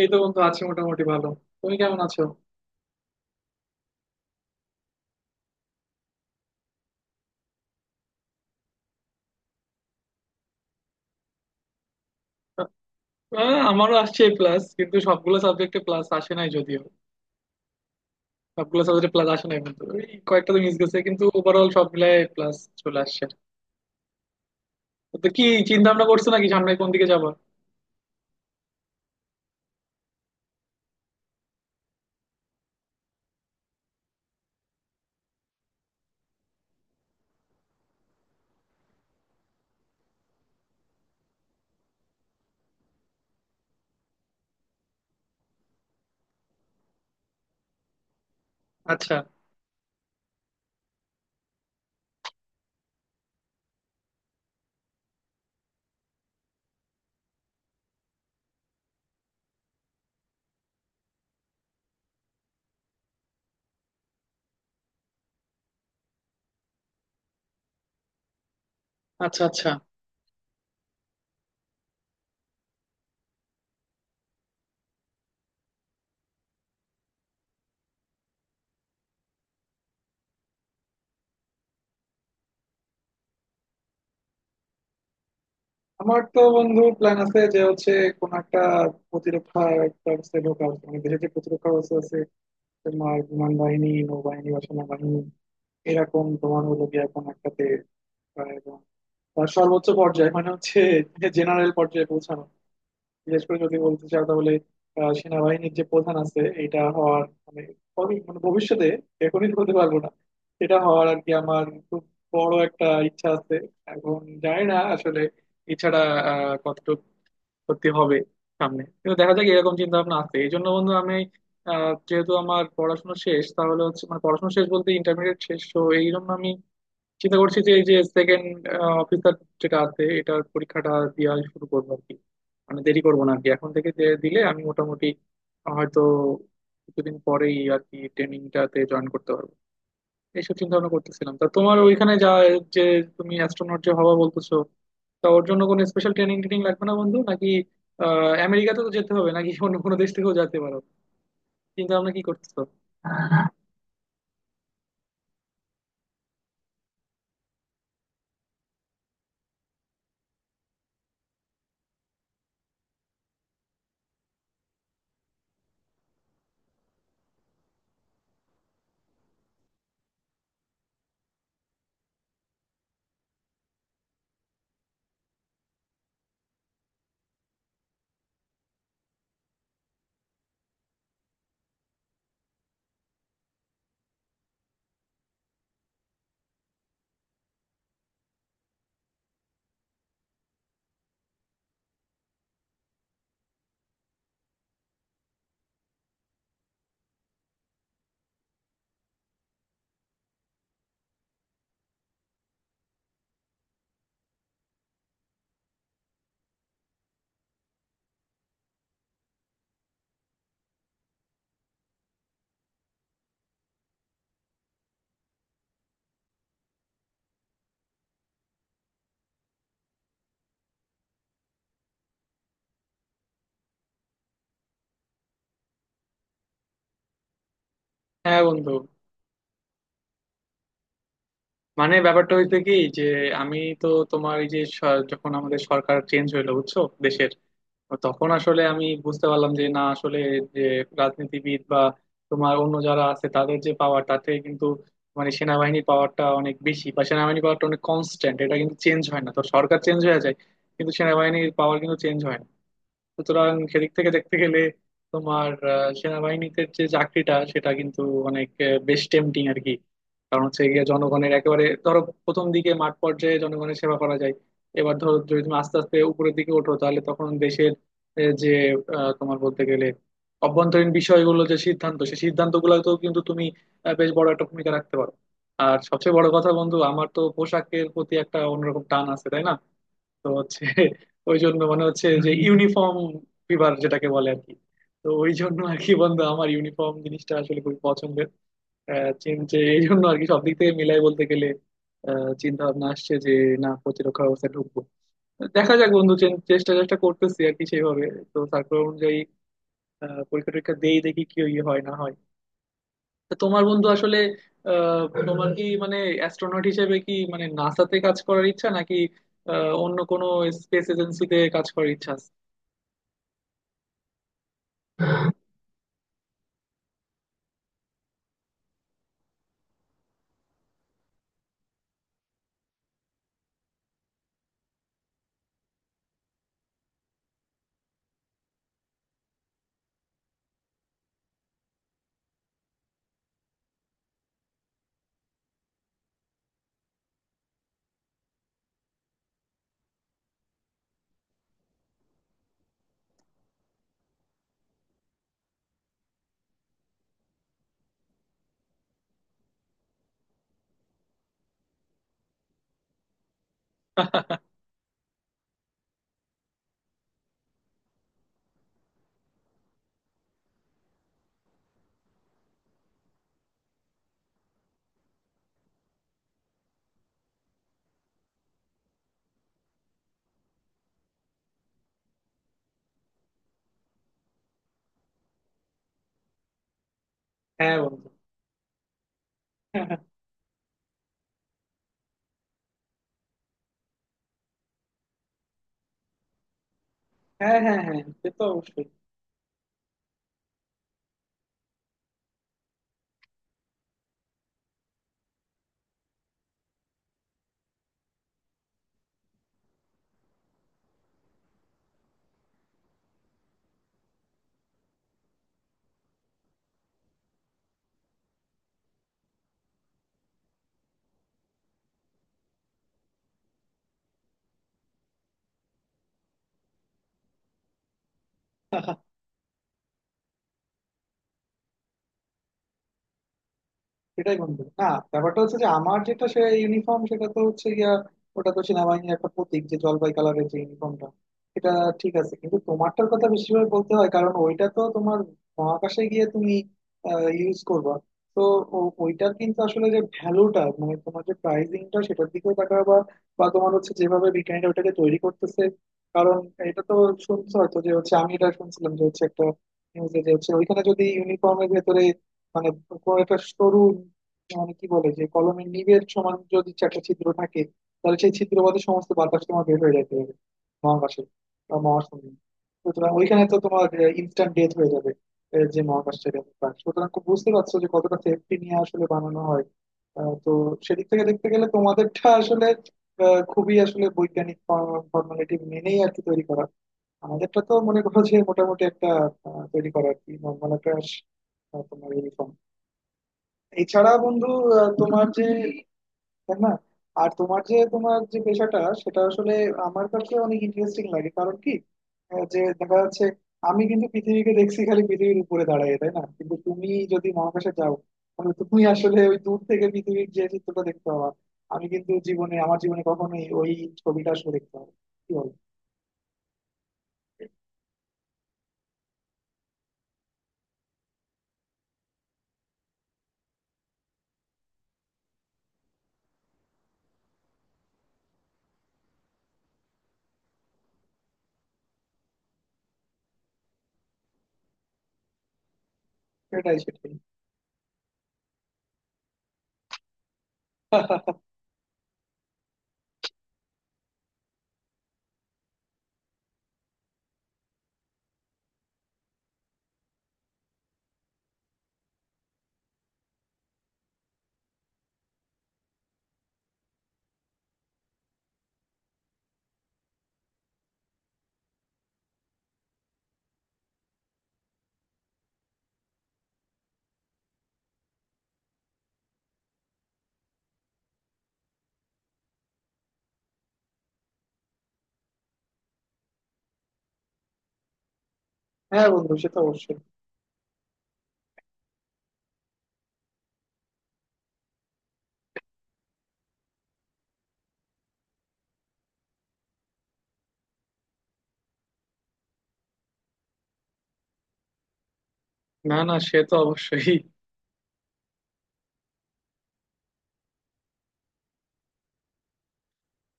এই তো বন্ধু আছি মোটামুটি ভালো। তুমি কেমন আছো? আমারও আসছে প্লাস কিন্তু সবগুলো সাবজেক্টে প্লাস আসে নাই যদিও। সবগুলো সাবজেক্টে প্লাস আসে নাই কিন্তু ওই কয়েকটা তো মিস গেছে, কিন্তু ওভারঅল সব মিলায় প্লাস চলে আসছে। তো কি চিন্তা ভাবনা করছো নাকি সামনে কোন দিকে যাবো? আচ্ছা আচ্ছা আচ্ছা। আমার তো বন্ধু প্ল্যান আছে যে হচ্ছে কোন একটা প্রতিরক্ষা একটা ব্যবস্থায় ঢোকা উচিত। মানে দেশের যে প্রতিরক্ষা ব্যবস্থা আছে, তোমার বিমান বাহিনী নৌবাহিনী বা সেনাবাহিনী, এরকম তোমার হলো গিয়ে কোন একটাতে সর্বোচ্চ পর্যায়ে মানে হচ্ছে জেনারেল পর্যায়ে পৌঁছানো। বিশেষ করে যদি বলতে চাও তাহলে সেনাবাহিনীর যে প্রধান আছে এটা হওয়ার মানে মানে ভবিষ্যতে, এখনই বলতে পারবো না, এটা হওয়ার আর কি আমার খুব বড় একটা ইচ্ছা আছে। এখন জানি না আসলে ইচ্ছাটা কতটুকু সত্যি হবে সামনে, কিন্তু দেখা যাক। এরকম চিন্তা ভাবনা আছে এই জন্য বন্ধু আমি, যেহেতু আমার পড়াশোনা শেষ তাহলে হচ্ছে মানে পড়াশোনা শেষ বলতে ইন্টারমিডিয়েট শেষ, তো এই জন্য আমি চিন্তা করছি যে এই যে সেকেন্ড অফিসার যেটা আছে এটার পরীক্ষাটা দেওয়া শুরু করবো আর কি। মানে দেরি করবো না আর কি, এখন থেকে যে দিলে আমি মোটামুটি হয়তো কিছুদিন পরেই আর কি ট্রেনিংটাতে জয়েন করতে পারবো। এইসব চিন্তা ভাবনা করতেছিলাম। তা তোমার ওইখানে যা, যে তুমি অ্যাস্ট্রোনট যে হবা বলতেছো, তা ওর জন্য কোনো স্পেশাল ট্রেনিং ট্রেনিং লাগবে না বন্ধু নাকি? আহ আমেরিকাতে তো যেতে হবে নাকি অন্য কোনো দেশ থেকেও যেতে পারো? চিন্তা ভাবনা কি করতেছো? হ্যাঁ বন্ধু। মানে ব্যাপারটা হইতে কি যে আমি তো তোমার এই যে যখন আমাদের সরকার চেঞ্জ হইলো বুঝছো দেশের, তখন আসলে আমি বুঝতে পারলাম যে না আসলে যে রাজনীতিবিদ বা তোমার অন্য যারা আছে তাদের যে পাওয়ার তাতে কিন্তু, মানে সেনাবাহিনীর পাওয়ারটা অনেক বেশি বা সেনাবাহিনীর পাওয়ারটা অনেক কনস্ট্যান্ট, এটা কিন্তু চেঞ্জ হয় না। তো সরকার চেঞ্জ হয়ে যায় কিন্তু সেনাবাহিনীর পাওয়ার কিন্তু চেঞ্জ হয় না। সুতরাং সেদিক থেকে দেখতে গেলে তোমার সেনাবাহিনীতে যে চাকরিটা সেটা কিন্তু অনেক বেশ টেম্পটিং আর কি। কারণ হচ্ছে গিয়ে জনগণের একেবারে ধরো প্রথম দিকে মাঠ পর্যায়ে জনগণের সেবা করা যায়। এবার ধরো যদি তুমি আস্তে আস্তে উপরের দিকে ওঠো তাহলে তখন দেশের এ, যে তোমার বলতে গেলে অভ্যন্তরীণ বিষয়গুলো যে সিদ্ধান্ত সেই সিদ্ধান্তগুলোতেও কিন্তু তুমি বেশ বড় একটা ভূমিকা রাখতে পারো। আর সবচেয়ে বড় কথা বন্ধু আমার তো পোশাকের প্রতি একটা অন্যরকম টান আছে তাই না। তো হচ্ছে ওই জন্য মানে হচ্ছে যে ইউনিফর্ম ফিভার যেটাকে বলে আর কি। তো ওই জন্য আর কি বন্ধু আমার ইউনিফর্ম জিনিসটা আসলে খুবই পছন্দের। চীন যে এই জন্য আর কি সব দিক থেকে মিলাই বলতে গেলে চিন্তা ভাবনা আসছে যে না প্রতিরক্ষা ব্যবস্থা ঢুকবো। দেখা যাক বন্ধু চেষ্টা চেষ্টা করতেছি আর কি সেইভাবে। তো সার্কুলার অনুযায়ী পরীক্ষা টরীক্ষা দেই দেখি কি ইয়ে হয় না হয়। তা তোমার বন্ধু আসলে আহ তোমার কি মানে অ্যাস্ট্রোনট হিসেবে কি মানে নাসাতে কাজ করার ইচ্ছা নাকি অন্য কোনো স্পেস এজেন্সিতে কাজ করার ইচ্ছা আছে? হ্যাঁ বন্ধু। হ্যাঁ হ্যাঁ হ্যাঁ হ্যাঁ, সে তো অবশ্যই। সেটাই বন্ধু না? ব্যাপারটা হচ্ছে যে আমার যেটা সে ইউনিফর্ম সেটা তো হচ্ছে গিয়া ওটা তো সেনাবাহিনীর একটা প্রতীক, যে জলপাই কালারের যে ইউনিফর্মটা, এটা ঠিক আছে। কিন্তু তোমারটার কথা বেশিরভাগ বলতে হয় কারণ ওইটা তো তোমার মহাকাশে গিয়ে তুমি ইউজ করবা। তো ওইটার কিন্তু আসলে যে ভ্যালুটা মানে তোমার যে প্রাইসিংটা সেটার দিকেও তাকাবা বা তোমার হচ্ছে যেভাবে বিজ্ঞানীরা ওটাকে তৈরি করতেছে। কারণ এটা তো শুনছো হয়তো যে হচ্ছে, আমি এটা শুনছিলাম যে হচ্ছে একটা নিউজে, যে হচ্ছে ওইখানে যদি ইউনিফর্মের ভেতরে মানে কোনো একটা সরু মানে কি বলে যে কলমের নিবের সমান যদি একটা ছিদ্র থাকে তাহলে সেই ছিদ্র বাদে সমস্ত বাতাস তোমার বের হয়ে যেতে হবে মহাকাশে বা মহাশূন্যে। সুতরাং ওইখানে তো তোমার ইনস্ট্যান্ট ডেথ হয়ে যাবে। যে মহাকাশটা ব্যাপার, সুতরাং খুব বুঝতে পারছো যে কতটা সেফটি নিয়ে আসলে বানানো হয়। তো সেদিক থেকে দেখতে গেলে তোমাদেরটা আসলে খুবই আসলে বৈজ্ঞানিক ফর্মালিটি মেনেই আর কি তৈরি করা। আমাদেরটা তো মনে করো যে মোটামুটি একটা তৈরি করা আর কি নর্মাল একটা তোমার ইউনিফর্ম। এছাড়া বন্ধু তোমার যে তাই না? আর তোমার যে তোমার যে পেশাটা সেটা আসলে আমার কাছে অনেক ইন্টারেস্টিং লাগে কারণ কি যে দেখা যাচ্ছে আমি কিন্তু পৃথিবীকে দেখছি খালি পৃথিবীর উপরে দাঁড়ায় তাই না, কিন্তু তুমি যদি মহাকাশে যাও তাহলে তুমি আসলে ওই দূর থেকে পৃথিবীর যে চিত্রটা দেখতে পাবা। আমি কিন্তু জীবনে আমার জীবনে কখনোই ওই ছবিটা আসলে দেখতে পাবো না। কি বল? সেটাই সেটাই। হ্যাঁ বন্ধু সে তো অবশ্যই। না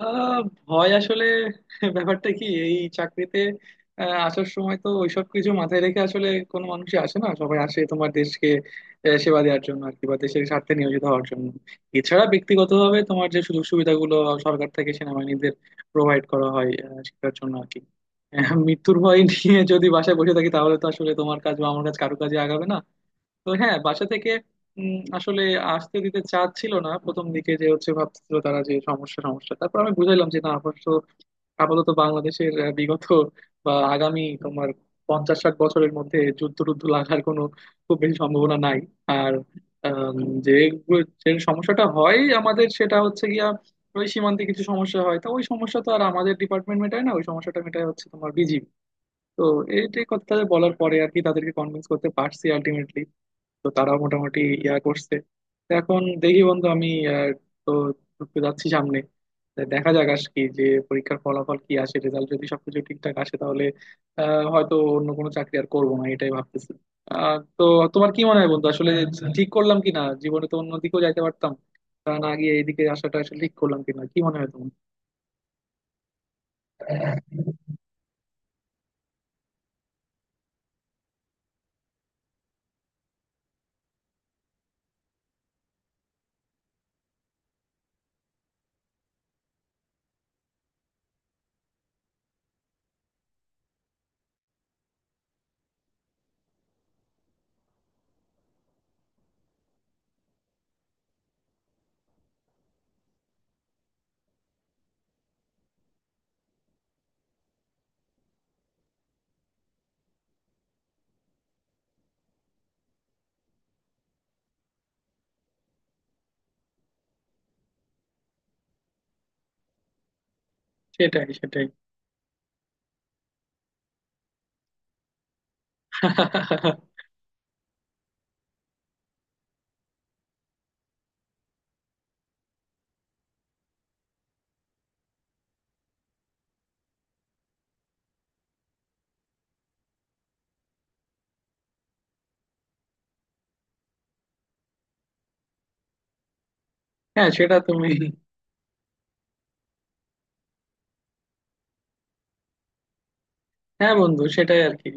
আহ, ভয় আসলে ব্যাপারটা কি, এই চাকরিতে আসার সময় তো ওইসব কিছু মাথায় রেখে আসলে কোনো মানুষই আসে না, সবাই আসে তোমার দেশকে সেবা দেওয়ার জন্য আর কি বা দেশের স্বার্থে নিয়োজিত হওয়ার জন্য। এছাড়া ব্যক্তিগতভাবে তোমার যে সুযোগ সুবিধাগুলো সরকার থেকে সেনাবাহিনীদের প্রোভাইড করা হয় সেটার জন্য আর কি। মৃত্যুর ভয় নিয়ে যদি বাসায় বসে থাকি তাহলে তো আসলে তোমার কাজ বা আমার কাজ কারো কাজে আগাবে না। তো হ্যাঁ বাসা থেকে আসলে আসতে দিতে চাচ্ছিল না প্রথম দিকে, যে হচ্ছে ভাবছিল তারা যে সমস্যা সমস্যা, তারপর আমি বুঝাইলাম যে না, অবশ্য আপাতত বাংলাদেশের বিগত বা আগামী তোমার 50-60 বছরের মধ্যে যুদ্ধ টুদ্ধ লাগার কোনো খুব বেশি সম্ভাবনা নাই। আর আম, যে যে সমস্যাটা হয় আমাদের সেটা হচ্ছে গিয়া ওই সীমান্তে কিছু সমস্যা হয়, তা ওই সমস্যা তো আর আমাদের ডিপার্টমেন্ট মেটায় না, ওই সমস্যাটা মেটায় হচ্ছে তোমার বিজিবি। তো এইটাই কথা বলার পরে আর কি তাদেরকে কনভিন্স করতে পারছি আলটিমেটলি। তো তারা মোটামুটি ইয়া করছে। তো এখন দেখি বন্ধু আমি আহ, তো ঢুকতে যাচ্ছি সামনে। তো দেখা যাক আজ কি, যে পরীক্ষার ফলাফল কি আসে, রেজাল্ট যদি সবকিছু ঠিকঠাক আসে তাহলে হয়তো অন্য কোনো চাকরি আর করবো না এটাই ভাবতেছি। তো তোমার কি মনে হয় বন্ধু আসলে ঠিক করলাম কি না, জীবনে তো অন্যদিকেও যাইতে পারতাম, তা না গিয়ে এইদিকে আসাটা আসলে ঠিক করলাম কিনা কি মনে হয় তোমার? সেটাই সেটাই। হ্যাঁ সেটা তুমি। হ্যাঁ বন্ধু সেটাই আর কি।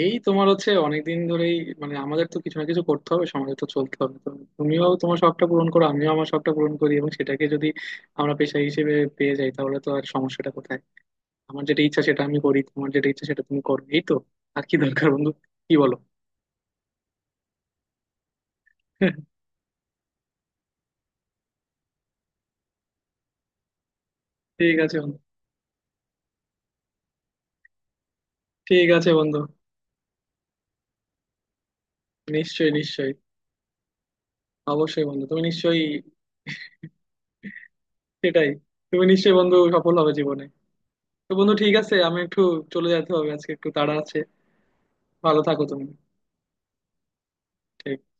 এই তোমার হচ্ছে অনেকদিন ধরেই, মানে আমাদের তো কিছু না কিছু করতে হবে, সমাজে তো চলতে হবে। তো তুমিও তোমার শখটা পূরণ করো, আমিও আমার শখটা পূরণ করি, এবং সেটাকে যদি আমরা পেশা হিসেবে পেয়ে যাই তাহলে তো আর সমস্যাটা কোথায়? আমার যেটা ইচ্ছা সেটা আমি করি, তোমার যেটা ইচ্ছা সেটা তুমি করো, এই তো আর কি দরকার বন্ধু, কি বলো? ঠিক আছে বন্ধু। ঠিক আছে বন্ধু। নিশ্চয়ই নিশ্চয়ই। অবশ্যই বন্ধু তুমি নিশ্চয়ই। সেটাই। তুমি নিশ্চয়ই বন্ধু সফল হবে জীবনে। তো বন্ধু ঠিক আছে, আমি একটু চলে যেতে হবে, আজকে একটু তাড়া আছে। ভালো থাকো তুমি। ঠিক